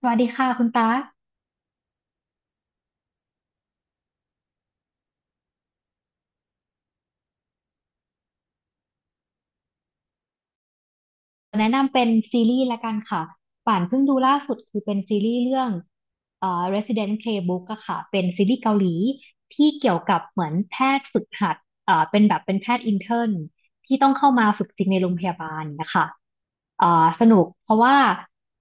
สวัสดีค่ะคุณตาแนะนำเป็นซีรีส์ละกันค่ะป่านเพิ่งดูล่าสุดคือเป็นซีรีส์เรื่องResident Playbook อะค่ะเป็นซีรีส์เกาหลีที่เกี่ยวกับเหมือนแพทย์ฝึกหัดเป็นแบบเป็นแพทย์อินเทอร์นที่ต้องเข้ามาฝึกจริงในโรงพยาบาลนะคะสนุกเพราะว่า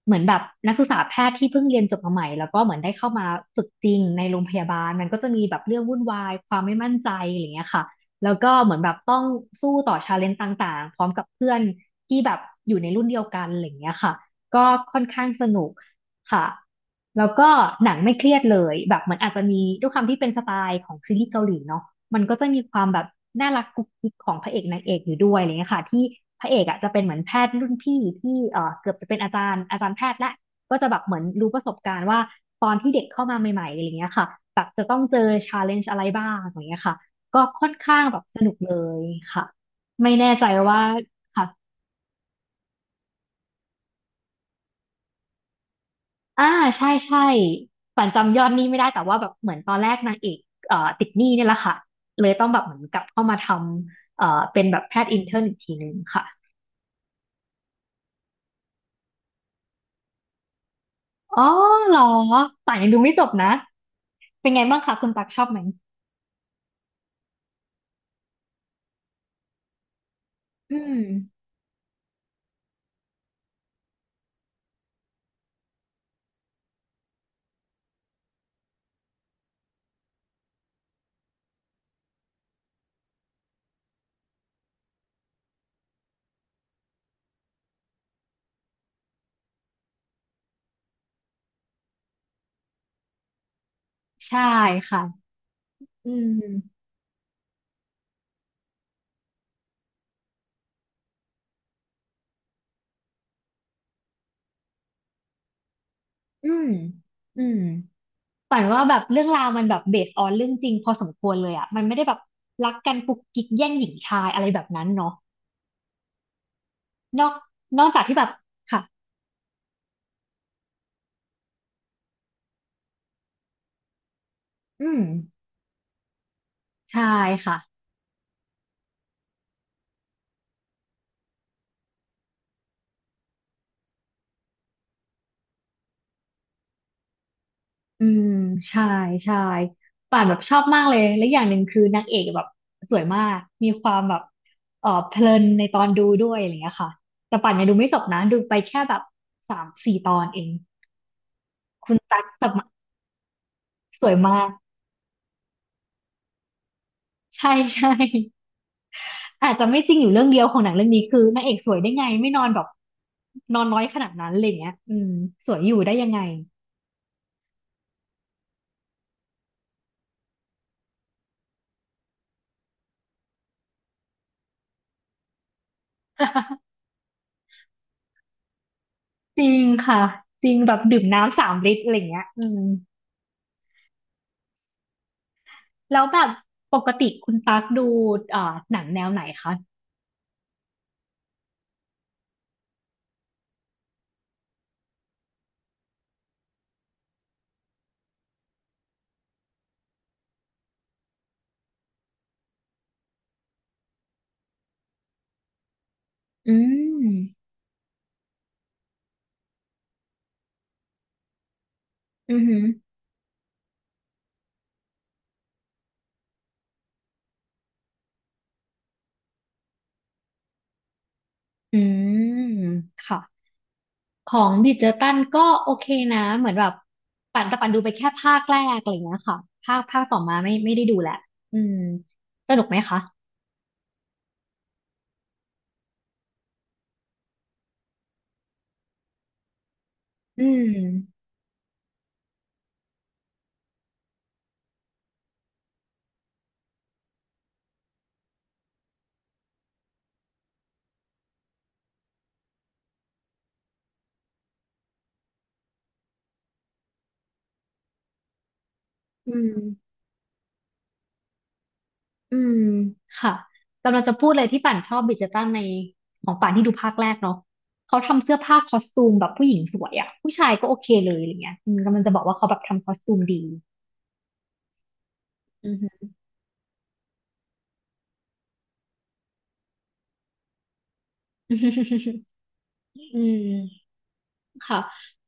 เหมือนแบบนักศึกษาแพทย์ที่เพิ่งเรียนจบมาใหม่แล้วก็เหมือนได้เข้ามาฝึกจริงในโรงพยาบาลมันก็จะมีแบบเรื่องวุ่นวายความไม่มั่นใจอะไรอย่างเงี้ยค่ะ แล้วก็เหมือนแบบต้องสู้ต่อชาเลนจ์ต่างๆพร้อมกับเพื่อนที่แบบอยู่ในรุ่นเดียวกันอะไรอย่างเงี้ยค่ะก็ค่อนข้างสนุกค่ะแล้วก็หนังไม่เครียดเลยแบบเหมือนอาจจะมีด้วยความที่เป็นสไตล์ของซีรีส์เกาหลีเนาะมันก็จะมีความแบบน่ารักกุ๊กกิ๊กของพระเอกนางเอกอยู่ด้วยอะไรเงี้ยค่ะที่พระเอกอ่ะจะเป็นเหมือนแพทย์รุ่นพี่ที่เกือบจะเป็นอาจารย์แพทย์ละก็จะแบบเหมือนรู้ประสบการณ์ว่าตอนที่เด็กเข้ามาใหม่ๆอะไรเงี้ยค่ะแบบจะต้องเจอชาเลนจ์อะไรบ้างอะไรเงี้ยค่ะ ก็ค่อนข้างแบบสนุกเลยค่ะไม่แน่ใจว่าค่ะอ่าใช่ใช่ฝันจำยอดหนี้ไม่ได้แต่ว่าแบบเหมือนตอนแรกนางเอกติดหนี้เนี่ยแหละค่ะเลยต้องแบบเหมือนกลับเข้ามาทำเป็นแบบแพทย์อินเทอร์นอีกทีนึงค่ะอ๋อเหรอป่านยังดูไม่จบนะเป็นไงบ้างคะคุณตักชอบไหมอืมใช่ค่ะอืมอืมอืม ฝันว่าแบบเรื่องราวมันแบบเบสออนเรื่องจริงพอสมควรเลยอ่ะมันไม่ได้แบบรักกันกุกกิ๊กแย่งหญิงชายอะไรแบบนั้นเนาะนอกนอกจากที่แบบค่ะอืมใช่ค่ะอืมใช่ใช่ป่านแบบชอบมากเลยและอย่างหนึ่งคือนางเอกแบบสวยมากมีความแบบเออเพลินในตอนดูด้วยอะไรอย่างเงี้ยค่ะแต่ป่านยังดูไม่จบนะดูไปแค่แบบสามสี่ตอนเองคุณตั๊กสมัครสวยมากใช่ใช่ อาจจะไม่จริงอยู่เรื่องเดียวของหนังเรื่องนี้คือนางเอกสวยได้ไงไม่นอนแบบนอนน้อยขนาดนั้นอะไรอย่างเงี้ยอืมสวยอยู่ได้ยังไง จริงค่ะจริงแบบดื่มน้ำสามลิตรอะไรอย่างเงี้ยอืมแล้วแบบปกติคุณตั๊กดูหนังแนวไหนคะอืมอือหืออืมค่ะของบิดเจอร์ตันก็โอเคนะเหมือนแบบปั่นแต่ปั่นดูไปแค่ภาคแรกอะไรอย่างเงี้ยค่ะภาคต่อมาไม่ได้ดูแหละอืมสนุกไหมคะอืม อืม อืม ค่ะกำลังจะพูดเลยที่ป่านชอบบิดเจตันในของป่านที่ดูภาคแรกเนาะเขาทำเสื้อผ้าคอสตูมแบบผู้หญิงสวยอะผู้ชายก็โอเคเลยอะไรเงี้ยอืมกำลังจะบอกว่าเขาแบบทำคอสตูมดีอือฮึ อืม ค่ะ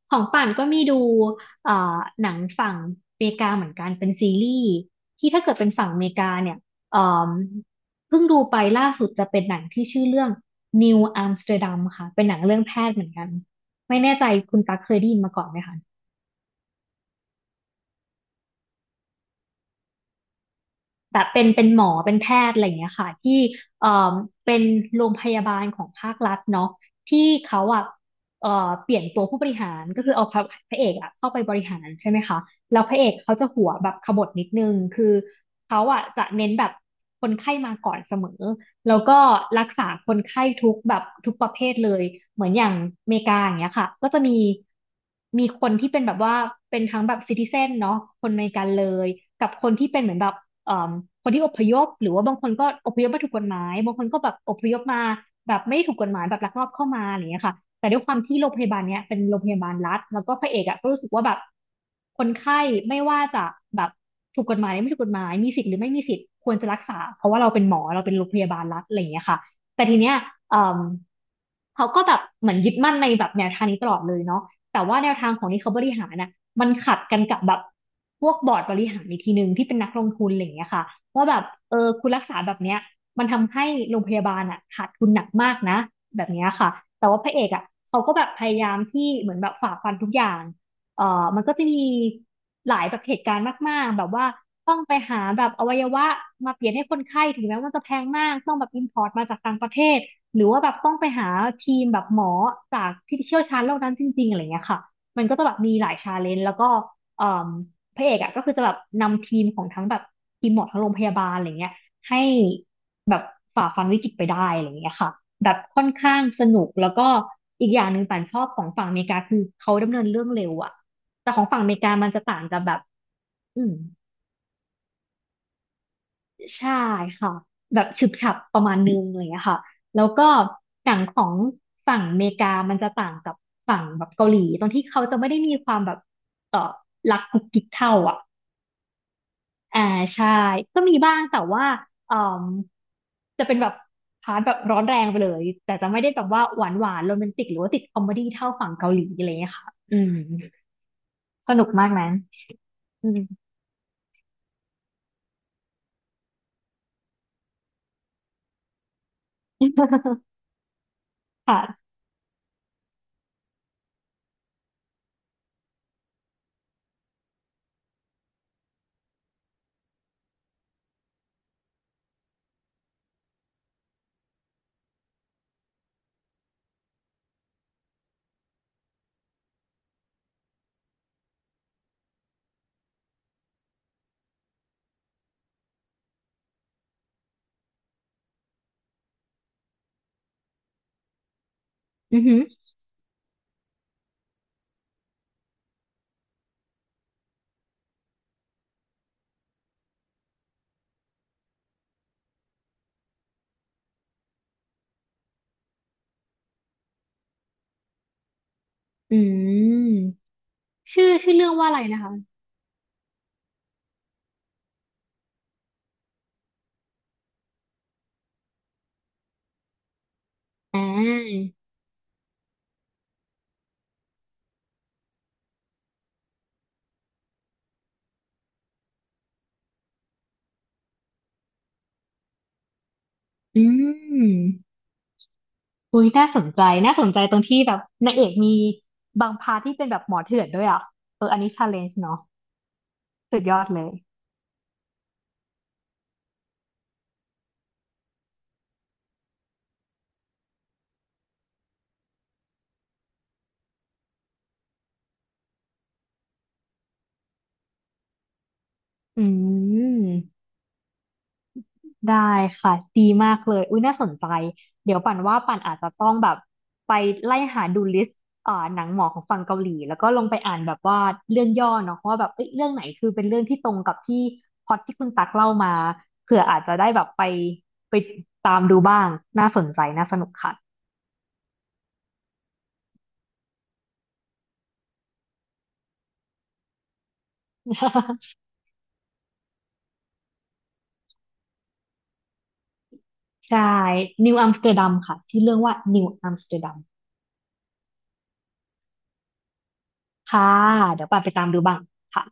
ของป่านก็มีดูเอ่อหนังฝั่งอเมริกาเหมือนกันเป็นซีรีส์ ที่ถ้าเกิดเป็นฝั่งอเมริกาเนี่ยเอ่มเพิ่งดูไปล่าสุดจะเป็นหนังที่ชื่อเรื่อง New Amsterdam ค่ะเป็นหนังเรื่องแพทย์เหมือนกัน ไม่แน่ใจคุณตั๊กเคยได้ยินมาก่อนไหมคะ แบบเป็นหมอเป็นแพทย์อะไรอย่างเงี้ยค่ะที่เอ่อเป็นโรงพยาบาลของภาครัฐเนาะที่เขาอ่ะเอ่อเปลี่ยนตัวผู้บริหารก็คือเอาพระเอกอ่ะเข้าไปบริหารใช่ไหมคะแล้วพระเอกเขาจะหัวแบบขบถนิดนึงคือเขาอ่ะจะเน้นแบบคนไข้มาก่อนเสมอแล้วก็รักษาคนไข้ทุกแบบทุกประเภทเลยเหมือนอย่างอเมริกาอย่างเงี้ยค่ะก็จะมีคนที่เป็นแบบว่าเป็นทั้งแบบซิติเซนเนาะคนอเมริกันเลยกับคนที่เป็นเหมือนแบบ เอ่อคนที่อพยพหรือว่าบางคนก็อพยพมาถูกกฎหมายบางคนก็แบบอพยพมาแบบไม่ได้ถูกกฎหมายแบบลักลอบเข้ามาอะไรอย่างเงี้ยค่ะแต่ด้วยความที่โรงพยาบาลเนี้ยเป็นโรงพยาบาลรัฐแล้วก็พระเอกอ่ะก็รู้สึกว่าแบบคนไข้ไม่ว่าจะแบบถูกกฎหมายหรือไม่ถูกกฎหมายมีสิทธิ์หรือไม่มีสิทธิ์ควรจะรักษาเพราะว่าเราเป็นหมอเราเป็นโรงพยาบาลรัฐอะไรอย่างเงี้ยค่ะแต่ทีเนี้ยเอ่มเขาก็แบบเหมือนยึดมั่นในแบบแนวทางนี้ตลอดเลยเนาะ แต่ว่าแนวทางของที่เขาบริหารน่ะมันขัดกันกับแบบพวกบอร์ดบริหารอีกทีหนึ่งที่เป็นนักลงทุนอะไรอย่างเงี้ยค่ะว่าแบบเออคุณรักษาแบบเนี้ยมันทำให้โรงพยาบาลอ่ะขาดทุนหนักมากนะแบบเนี้ยค่ะแต่ว่าพระเอกอ่ะเขาก็แบบพยายามที่เหมือนแบบฝ่าฟันทุกอย่าง เอ่อมันก็จะมีหลายแบบเหตุการณ์มากๆแบบว่าต้องไปหาแบบอวัยวะมาเปลี่ยนให้คนไข้ถึงแม้ว่ามันจะแพงมากต้องแบบอิ p พอร์ตมาจากต่างประเทศหรือว่าแบบต้องไปหาทีมแบบหมอจากที่เชี่ยวชาญโรคนั้นจริงๆอะไรเงี้ยค่ะมันก็จะแบบมีหลายชาเลนจ์แล้วก็เอ่มพระเอกอ่ะก็คือจะแบบนำทีมของทั้งแบบทีมหมอทั้งโรงพยาบาลอะไรเงี้ยให้แบบฝ่าฟันวิกฤตไปได้อะไรอย่างเงี้ยค่ะแบบค่อนข้างสนุกแล้วก็อีกอย่างหนึ่งป่านชอบของฝั่งอเมริกาคือเขาดำเนินเรื่องเร็วอะ แต่ของฝั่งอเมริกามันจะต่างกับแบบอืมใช่ค่ะแบบฉึบฉับประมาณนึงอะไรอย่างเลยค่ะแล้วก็อย่างของฝั่งอเมริกามันจะต่างกับฝั่งแบบเกาหลีตรงที่เขาจะไม่ได้มีความแบบเออรักกุ๊กกิ๊กเท่าอ่ะอ่าใช่ก็มีบ้างแต่ว่าเอ่มจะเป็นแบบพาร์ทแบบร้อนแรงไปเลยแต่จะไม่ได้แบบว่าหวานหวานโรแมนติกหรือว่าติดคอมเมดี้เท่าฝั่งเกาหลีอะไรอย่างเงี้ยค่ะอืมสนุกมากนะอืม ค่ะอือฮึ อืมชื่อชื่อเรื่องว่าอะไรนะคะอ่าอืมอุ้ยน่าสนใจน่าสนใจตรงที่แบบนางเอกมีบางพาร์ทที่เป็นแบบหมอเถื่อนด้วยอ่ะเอออันนี้ชาเลนจ์เนาะสุดยอดเลยอืม ได้ค่ะดีมากเลยอุ้ยน่าสนใจเดี๋ยวปั่นว่าปั่นอาจจะต้องแบบไปไล่หาดูลิสต์อ่าหนังหมอของฝั่งเกาหลีแล้วก็ลงไปอ่านแบบว่าเรื่องย่อเนาะว่าแบบเอ้ยเรื่องไหนคือเป็นเรื่องที่ตรงกับที่พล็อตที่คุณตักเล่ามาเผื่ออาจจะได้แบบไปไปตามดูบ้างน่าสนใจน่าสนุกค่ะ ใช่นิวอัมสเตอร์ดัมค่ะชื่อเรื่องว่านิวอัมสเตอร์ดัมค่ะเดี๋ยวปั่นไปตามดูบ้างค่ะ